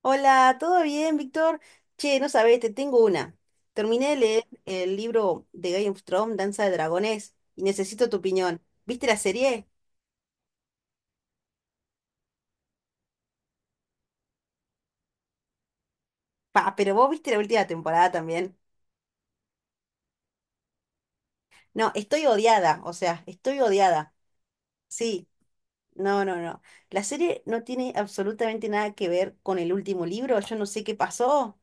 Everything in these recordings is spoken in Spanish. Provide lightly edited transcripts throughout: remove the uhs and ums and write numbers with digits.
Hola, ¿todo bien, Víctor? Che, no sabés, te tengo una. Terminé de leer el libro de Game of Thrones, Danza de Dragones, y necesito tu opinión. ¿Viste la serie? Pa, pero vos viste la última temporada también. No, estoy odiada, o sea, estoy odiada. Sí, no, no, no. La serie no tiene absolutamente nada que ver con el último libro, yo no sé qué pasó.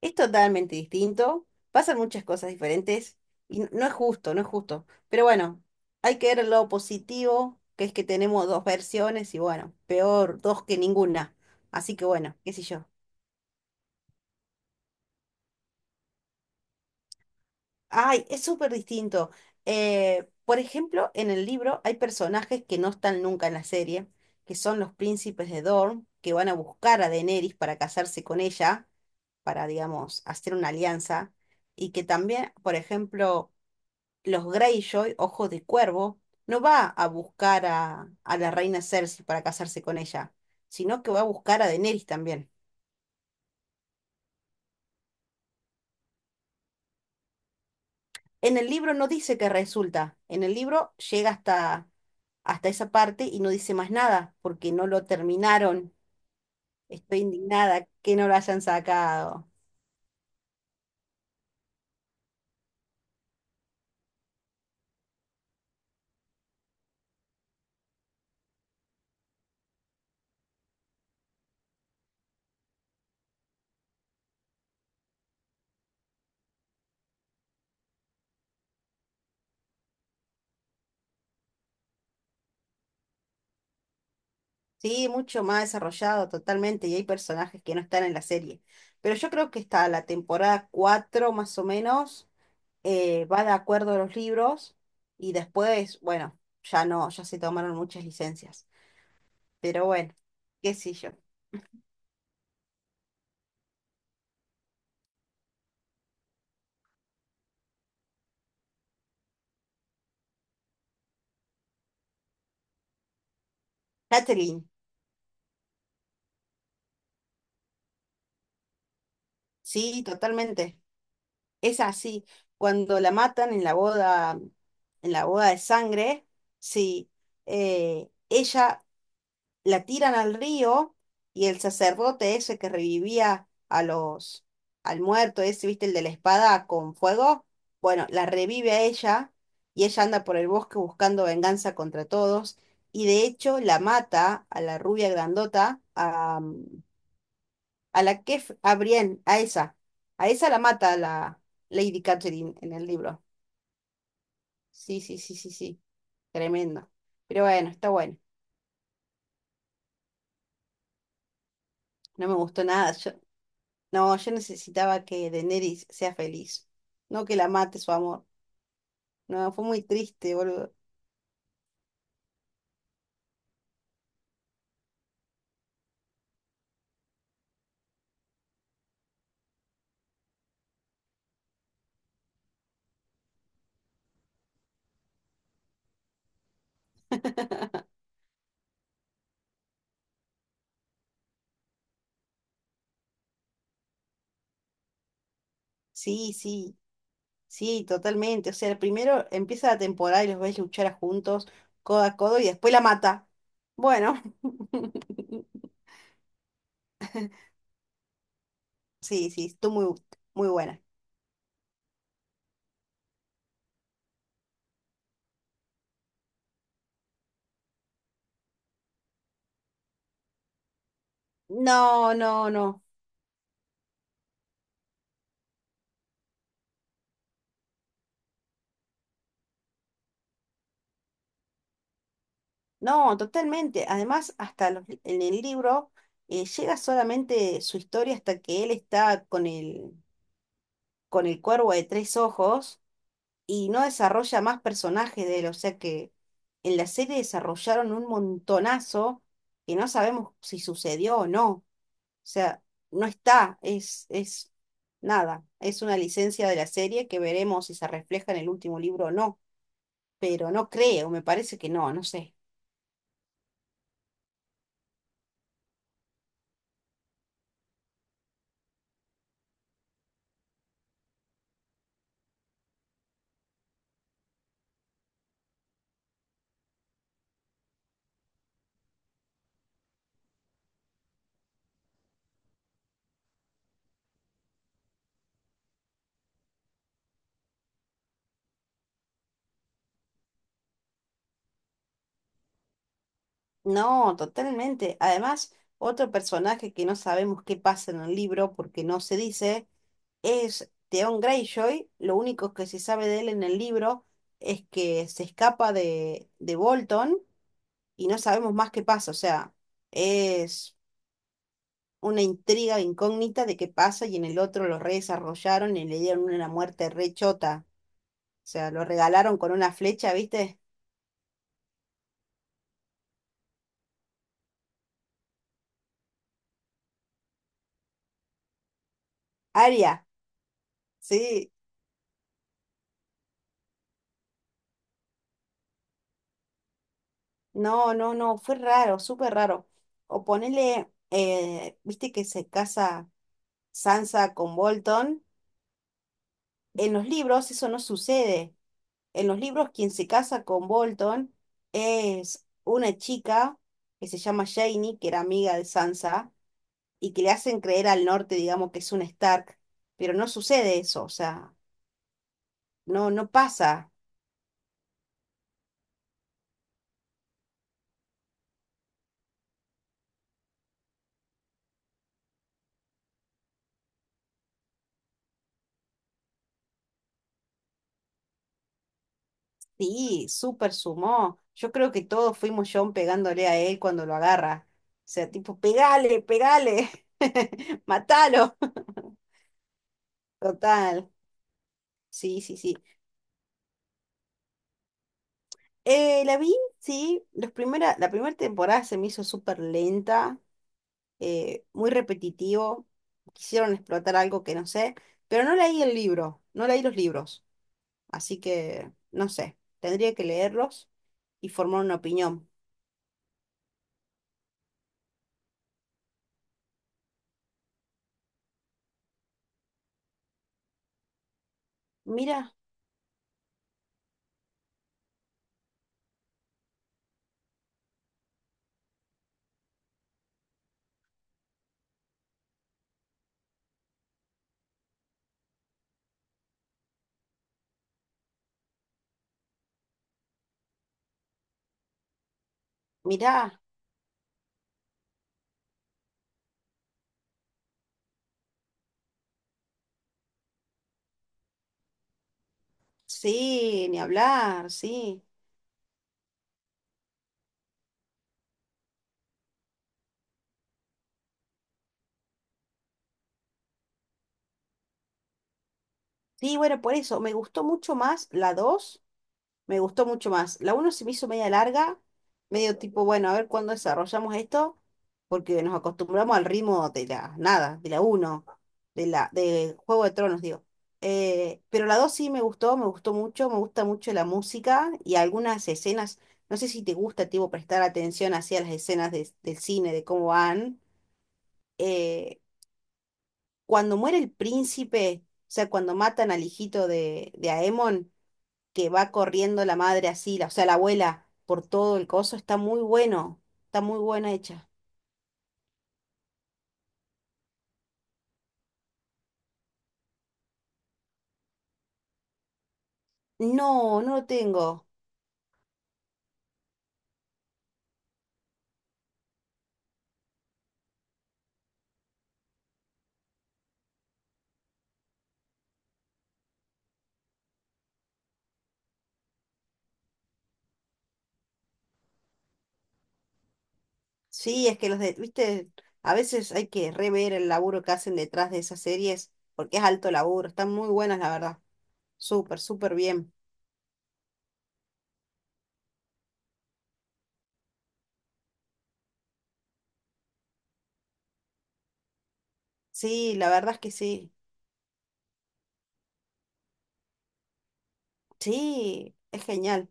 Es totalmente distinto, pasan muchas cosas diferentes y no es justo, no es justo. Pero bueno, hay que ver el lado positivo, que es que tenemos dos versiones y bueno, peor dos que ninguna. Así que bueno, qué sé yo. Ay, es súper distinto. Por ejemplo, en el libro hay personajes que no están nunca en la serie, que son los príncipes de Dorne, que van a buscar a Daenerys para casarse con ella para, digamos, hacer una alianza. Y que también, por ejemplo, los Greyjoy, Ojos de Cuervo, no va a buscar a la reina Cersei para casarse con ella, sino que va a buscar a Daenerys también. En el libro no dice que resulta, en el libro llega hasta esa parte y no dice más nada, porque no lo terminaron. Estoy indignada que no lo hayan sacado. Sí, mucho más desarrollado totalmente y hay personajes que no están en la serie. Pero yo creo que está la temporada 4 más o menos va de acuerdo a los libros y después, bueno, ya no, ya se tomaron muchas licencias. Pero bueno, qué sé yo. Catherine, sí, totalmente. Es así. Cuando la matan en la boda de sangre, sí, ella la tiran al río y el sacerdote ese que revivía al muerto ese, viste, el de la espada con fuego, bueno, la revive a ella y ella anda por el bosque buscando venganza contra todos y de hecho la mata a la rubia grandota, a la que, f- a Brienne, a esa la mata la Lady Catherine en el libro. Sí, sí, sí, sí, sí, tremendo. Pero bueno, está bueno. No me gustó nada. No, yo necesitaba que Daenerys sea feliz, no que la mate su amor. No, fue muy triste, boludo. Sí, sí, sí, totalmente. O sea, primero empieza la temporada y los ves luchar juntos, codo a codo, y después la mata. Bueno, sí, sí, estuvo muy, muy buena. No, no, no. No, totalmente. Además, hasta en el libro llega solamente su historia hasta que él está con el cuervo de tres ojos. Y no desarrolla más personajes de él, o sea que en la serie desarrollaron un montonazo que no sabemos si sucedió o no. O sea, no está, es nada, es una licencia de la serie que veremos si se refleja en el último libro o no, pero no creo, me parece que no, no sé. No, totalmente. Además, otro personaje que no sabemos qué pasa en el libro porque no se dice. Es Theon Greyjoy, lo único que se sabe de él en el libro es que se escapa de Bolton y no sabemos más qué pasa, o sea, es una intriga incógnita de qué pasa y en el otro lo redesarrollaron y le dieron una muerte rechota, o sea, lo regalaron con una flecha, ¿viste? Aria, sí, no, no, no, fue raro, súper raro. O ponele, ¿viste que se casa Sansa con Bolton? En los libros eso no sucede. En los libros, quien se casa con Bolton es una chica que se llama Janie, que era amiga de Sansa, y que le hacen creer al norte, digamos, que es un Stark, pero no sucede eso, o sea, no, no pasa. Sí, súper sumó. Yo creo que todos fuimos John pegándole a él cuando lo agarra. O sea, tipo, pegale, pegale, matalo. Total, sí, sí, sí. La vi, sí, la primera temporada se me hizo súper lenta. Muy repetitivo, quisieron explotar algo que no sé, pero no leí el libro, no leí los libros, así que no sé, tendría que leerlos y formar una opinión. Mira, mira sí, ni hablar, sí. Sí, bueno, por eso me gustó mucho más la dos. Me gustó mucho más. La uno se me hizo media larga, medio tipo, bueno, a ver cuándo desarrollamos esto, porque nos acostumbramos al ritmo de la nada, de la uno de Juego de Tronos, digo. Pero la 2 sí me gustó mucho, me gusta mucho la música y algunas escenas. No sé si te gusta, tipo, prestar atención hacia las escenas del cine, de cómo van. Eh, Cuando muere el príncipe, o sea, cuando matan al hijito de Aemon que va corriendo la madre así, o sea, la abuela, por todo el coso, está muy bueno, está muy buena hecha. No, no lo tengo. Sí, es que viste, a veces hay que rever el laburo que hacen detrás de esas series, porque es alto laburo, están muy buenas, la verdad. Súper, súper bien. Sí, la verdad es que sí. Sí, es genial,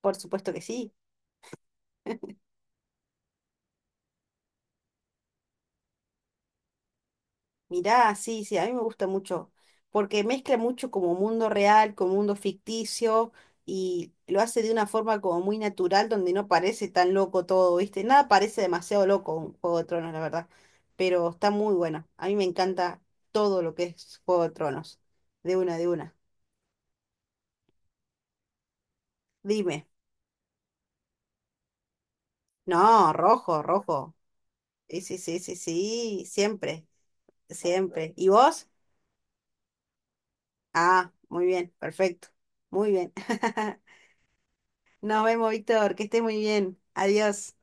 por supuesto que sí. Mirá, sí, sí, a mí me gusta mucho, porque mezcla mucho como mundo real con mundo ficticio y lo hace de una forma como muy natural donde no parece tan loco todo, ¿viste? Nada parece demasiado loco un Juego de Tronos, la verdad, pero está muy buena. A mí me encanta todo lo que es Juego de Tronos, de una. Dime, no, rojo, rojo. Sí, sí, sí, sí, sí, siempre, siempre. ¿Y vos? Ah, muy bien, perfecto, muy bien. Nos vemos, Víctor, que estés muy bien. Adiós.